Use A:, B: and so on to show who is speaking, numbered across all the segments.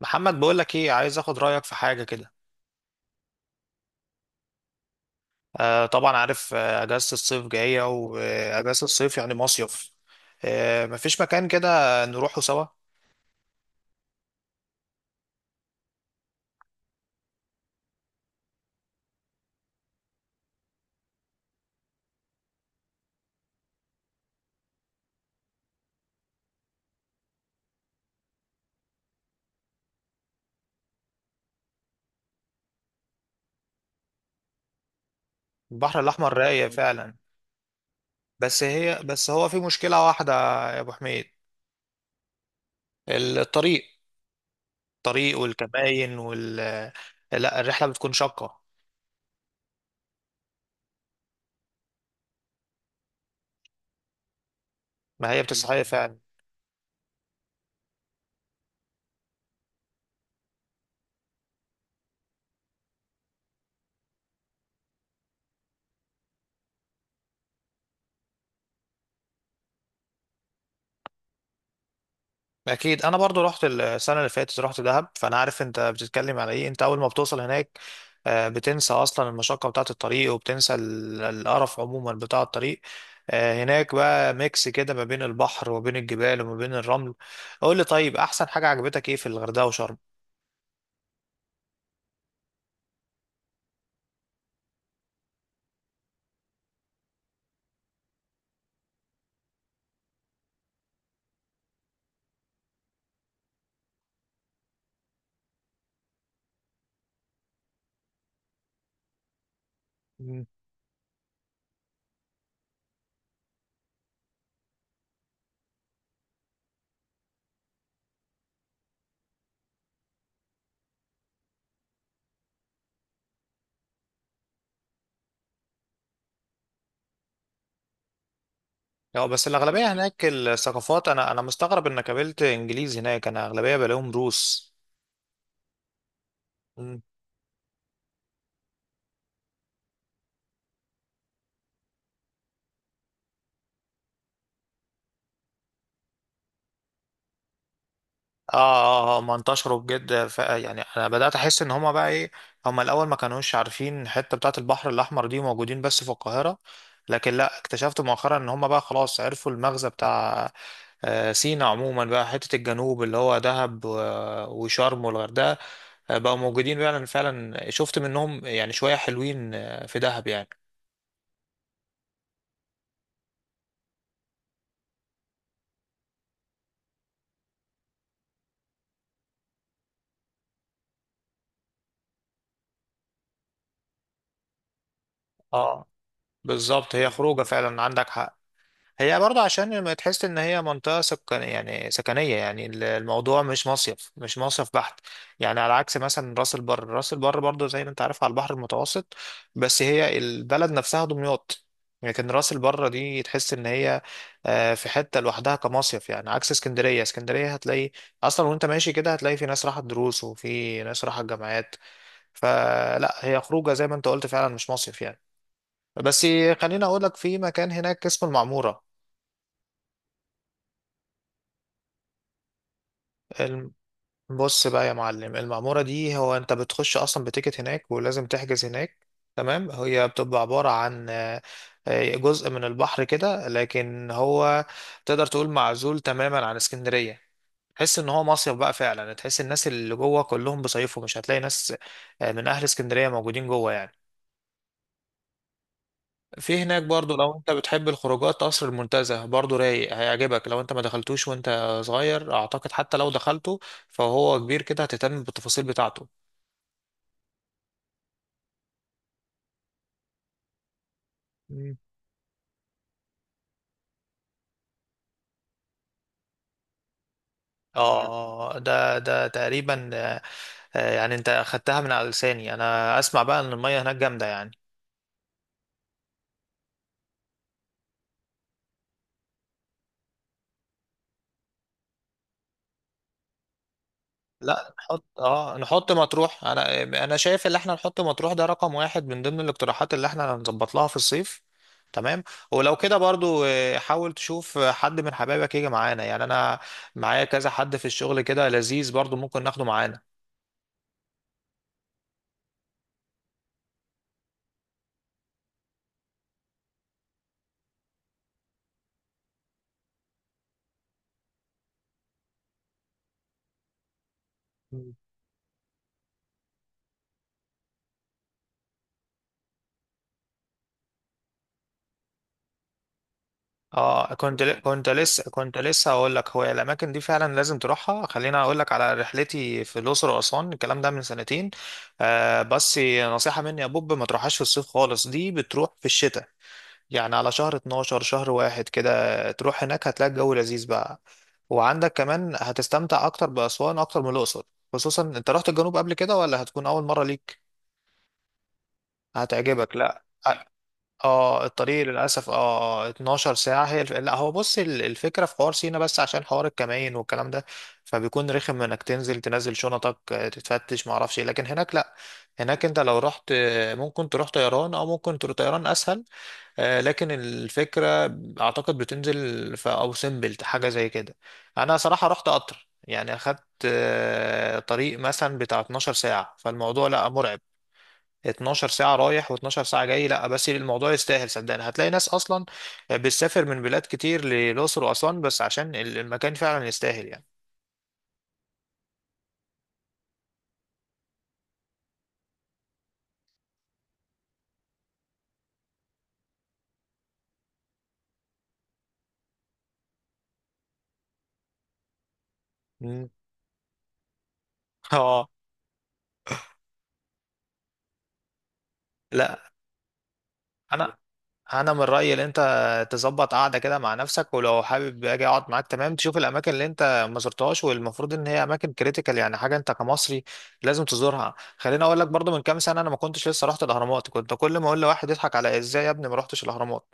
A: محمد، بقول لك ايه، عايز اخد رايك في حاجه كده. آه طبعا عارف. اجازه الصيف جايه، واجازه الصيف يعني مصيف. مفيش مكان كده نروحه سوا؟ البحر الاحمر رايق فعلا. بس هو في مشكله واحده، يا ابو حميد. الطريق. الطريق والكباين لا، الرحله بتكون شاقه. ما هي بتستحق فعلا. اكيد، انا برضو رحت السنه اللي فاتت، رحت دهب، فانا عارف انت بتتكلم على ايه. انت اول ما بتوصل هناك، بتنسى اصلا المشقه بتاعه الطريق، وبتنسى القرف عموما بتاع الطريق. هناك بقى ميكس كده ما بين البحر وبين الجبال وما بين الرمل. قول لي طيب، احسن حاجه عجبتك ايه في الغردقه وشرم؟ مم. اه، بس الاغلبيه هناك الثقافات، انا مستغرب انك قابلت انجليز هناك. انا اغلبيه بلاقيهم روس. اه اه، هم انتشروا بجد. يعني انا بدات احس ان هما بقى ايه، هما الاول ما كانوش عارفين الحته بتاعه البحر الاحمر دي، موجودين بس في القاهره. لكن لا، اكتشفت مؤخرا ان هما بقى خلاص عرفوا المغزى بتاع سينا عموما، بقى حته الجنوب اللي هو دهب وشرم والغردقه. بقوا موجودين فعلا. فعلا شفت منهم يعني شويه حلوين، في دهب يعني. اه، بالظبط، هي خروجه فعلا، عندك حق. هي برضه عشان ما تحس ان هي منطقه سكن يعني سكنيه، يعني الموضوع مش مصيف، مش مصيف بحت. يعني على عكس مثلا راس البر. راس البر برضه زي ما انت عارف على البحر المتوسط، بس هي البلد نفسها دمياط. لكن راس البر دي تحس ان هي في حته لوحدها كمصيف. يعني عكس اسكندريه. اسكندريه هتلاقي اصلا وانت ماشي كده، هتلاقي في ناس راحت دروس، وفي ناس راحت جامعات. فلا، هي خروجه زي ما انت قلت فعلا، مش مصيف يعني. بس خليني اقول لك في مكان هناك اسمه المعموره. بص بقى يا معلم، المعمورة دي هو انت بتخش اصلا بتيكت هناك، ولازم تحجز هناك، تمام. هي بتبقى عبارة عن جزء من البحر كده، لكن هو تقدر تقول معزول تماما عن اسكندرية. تحس ان هو مصيف بقى فعلا. تحس الناس اللي جوه كلهم بيصيفوا، مش هتلاقي ناس من اهل اسكندرية موجودين جوه يعني. في هناك برضو لو انت بتحب الخروجات، قصر المنتزه برضو رايق، هيعجبك لو انت ما دخلتوش وانت صغير. اعتقد حتى لو دخلته فهو كبير كده، هتهتم بالتفاصيل بتاعته. اه، ده تقريبا، يعني انت اخدتها من على لساني. انا اسمع بقى ان المية هناك جامدة يعني. لا، نحط مطروح. انا شايف ان احنا نحط مطروح ده رقم واحد من ضمن الاقتراحات اللي احنا هنظبط لها في الصيف. تمام. ولو كده برضو حاول تشوف حد من حبايبك يجي معانا. يعني انا معايا كذا حد في الشغل كده لذيذ، برضو ممكن ناخده معانا. اه، كنت لسه هقول لك هو الاماكن دي فعلا لازم تروحها. خليني اقول لك على رحلتي في الاقصر واسوان، الكلام ده من سنتين. آه بس، نصيحه مني يا بوب، ما تروحهاش في الصيف خالص. دي بتروح في الشتاء، يعني على شهر 12، شهر واحد كده، تروح هناك هتلاقي الجو لذيذ بقى. وعندك كمان هتستمتع اكتر باسوان اكتر من الاقصر. خصوصا انت رحت الجنوب قبل كده، ولا هتكون اول مره ليك؟ هتعجبك. لا اه، الطريق للاسف، اه 12 ساعه هي لا، هو بص، الفكره في حوار سينا، بس عشان حوار الكمائن والكلام ده، فبيكون رخم انك تنزل شنطك، تتفتش، ما اعرفش إيه. لكن هناك لا، هناك انت لو رحت، ممكن تروح طيران، او ممكن تروح طيران اسهل. لكن الفكره اعتقد بتنزل في او سيمبل، حاجه زي كده. انا صراحه رحت قطر، يعني اخدت طريق مثلا بتاع 12 ساعه، فالموضوع لا مرعب. 12 ساعة رايح و12 ساعة جاي، لا بس الموضوع يستاهل، صدقني. هتلاقي ناس أصلا بتسافر من بلاد كتير للأقصر وأسوان بس عشان المكان فعلا يستاهل يعني. مم. اه لا، أنا من رايي ان انت تظبط قعده كده مع نفسك، ولو حابب اجي اقعد معاك تمام، تشوف الاماكن اللي انت ما زرتهاش، والمفروض ان هي اماكن كريتيكال، يعني حاجه انت كمصري لازم تزورها. خليني اقول لك برضو، من كام سنه انا ما كنتش لسه رحت الاهرامات. كنت كل ما اقول لواحد يضحك على ازاي يا ابني ما رحتش الاهرامات.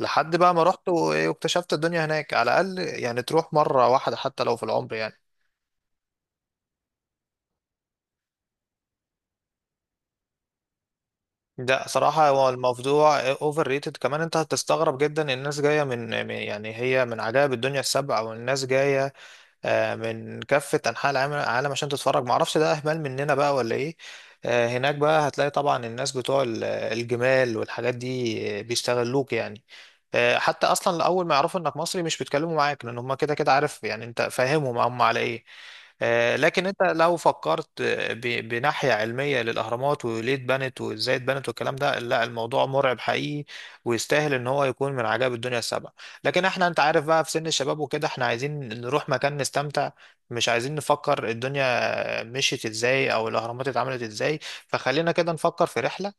A: لحد بقى ما رحت واكتشفت الدنيا هناك. على الاقل يعني تروح مره واحده حتى لو في العمر يعني. ده صراحة هو الموضوع اوفر ريتد كمان. انت هتستغرب جدا، الناس جاية يعني هي من عجائب الدنيا السبع، والناس جاية من كافة أنحاء العالم عشان تتفرج. معرفش ده أهمال مننا بقى ولا إيه؟ هناك بقى هتلاقي طبعا الناس بتوع الجمال والحاجات دي، بيستغلوك يعني. حتى أصلا أول ما يعرفوا إنك مصري مش بيتكلموا معاك، لأن هما كده كده، عارف يعني، أنت فاهمهم هم على إيه. لكن انت لو فكرت بناحية علمية للأهرامات، وليه اتبنت وازاي اتبنت والكلام ده، لا الموضوع مرعب حقيقي، ويستاهل ان هو يكون من عجائب الدنيا السبعة. لكن احنا انت عارف بقى في سن الشباب وكده، احنا عايزين نروح مكان نستمتع، مش عايزين نفكر الدنيا مشيت ازاي او الاهرامات اتعملت ازاي. فخلينا كده نفكر في رحلة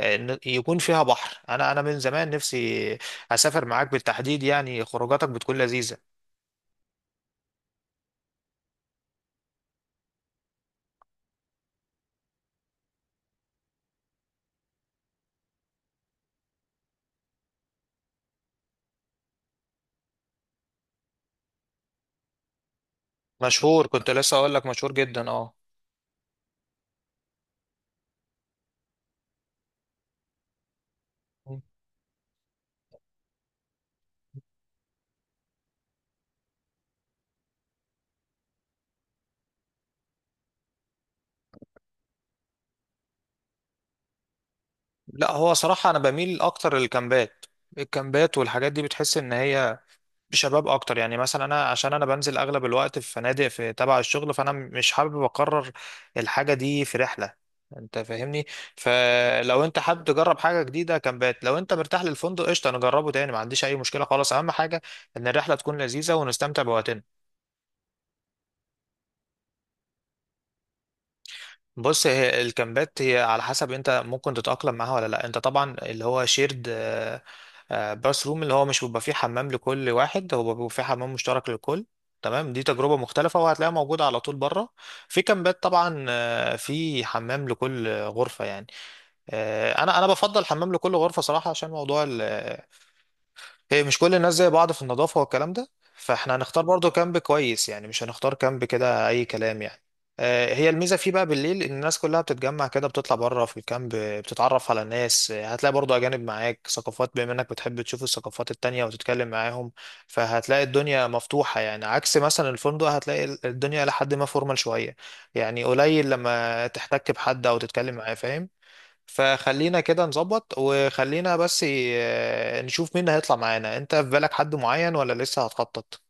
A: يكون فيها بحر. انا من زمان نفسي اسافر معاك بالتحديد، يعني خروجاتك بتكون لذيذة. مشهور، كنت لسه اقول لك مشهور جدا، اه. لا هو صراحة انا بميل اكتر للكامبات. الكامبات والحاجات دي بتحس ان هي بشباب اكتر. يعني مثلا انا عشان انا بنزل اغلب الوقت في فنادق في تبع الشغل، فانا مش حابب اقرر الحاجه دي في رحله، انت فاهمني. فلو انت حابب تجرب حاجه جديده كامبات، لو انت مرتاح للفندق قشطه نجربه تاني، ما عنديش اي مشكله خالص. اهم حاجه ان الرحله تكون لذيذه ونستمتع بوقتنا. بص، هي الكامبات هي على حسب انت ممكن تتأقلم معاها ولا لا. انت طبعا اللي هو شيرد باث روم، اللي هو مش بيبقى فيه حمام لكل واحد، هو بيبقى فيه حمام مشترك للكل، تمام. دي تجربة مختلفة، وهتلاقيها موجودة على طول بره. في كامبات طبعا في حمام لكل غرفة يعني. انا بفضل حمام لكل غرفة صراحة، عشان موضوع هي مش كل الناس زي بعض في النظافة والكلام ده. فاحنا هنختار برضو كامب كويس يعني، مش هنختار كامب كده أي كلام يعني. هي الميزة فيه بقى بالليل، إن الناس كلها بتتجمع كده بتطلع بره في الكامب، بتتعرف على الناس. هتلاقي برضو أجانب معاك، ثقافات، بما إنك بتحب تشوف الثقافات التانية وتتكلم معاهم. فهتلاقي الدنيا مفتوحة يعني، عكس مثلا الفندق هتلاقي الدنيا لحد ما فورمال شوية يعني، قليل لما تحتك بحد أو تتكلم معاه، فاهم. فخلينا كده نظبط، وخلينا بس نشوف مين هيطلع معانا. انت في بالك حد معين ولا لسه هتخطط؟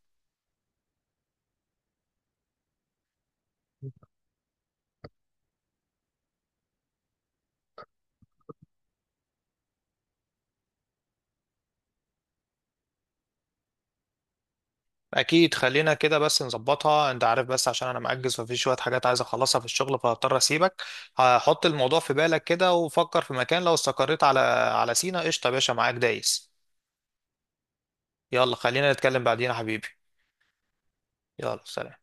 A: اكيد، خلينا كده بس نظبطها. انت عارف بس عشان انا مأجز، وفي شوية حاجات عايز اخلصها في الشغل، فهضطر اسيبك. هحط الموضوع في بالك كده، وفكر في مكان. لو استقريت على سينا، قشطة يا باشا، معاك دايس. يلا خلينا نتكلم بعدين يا حبيبي. يلا سلام.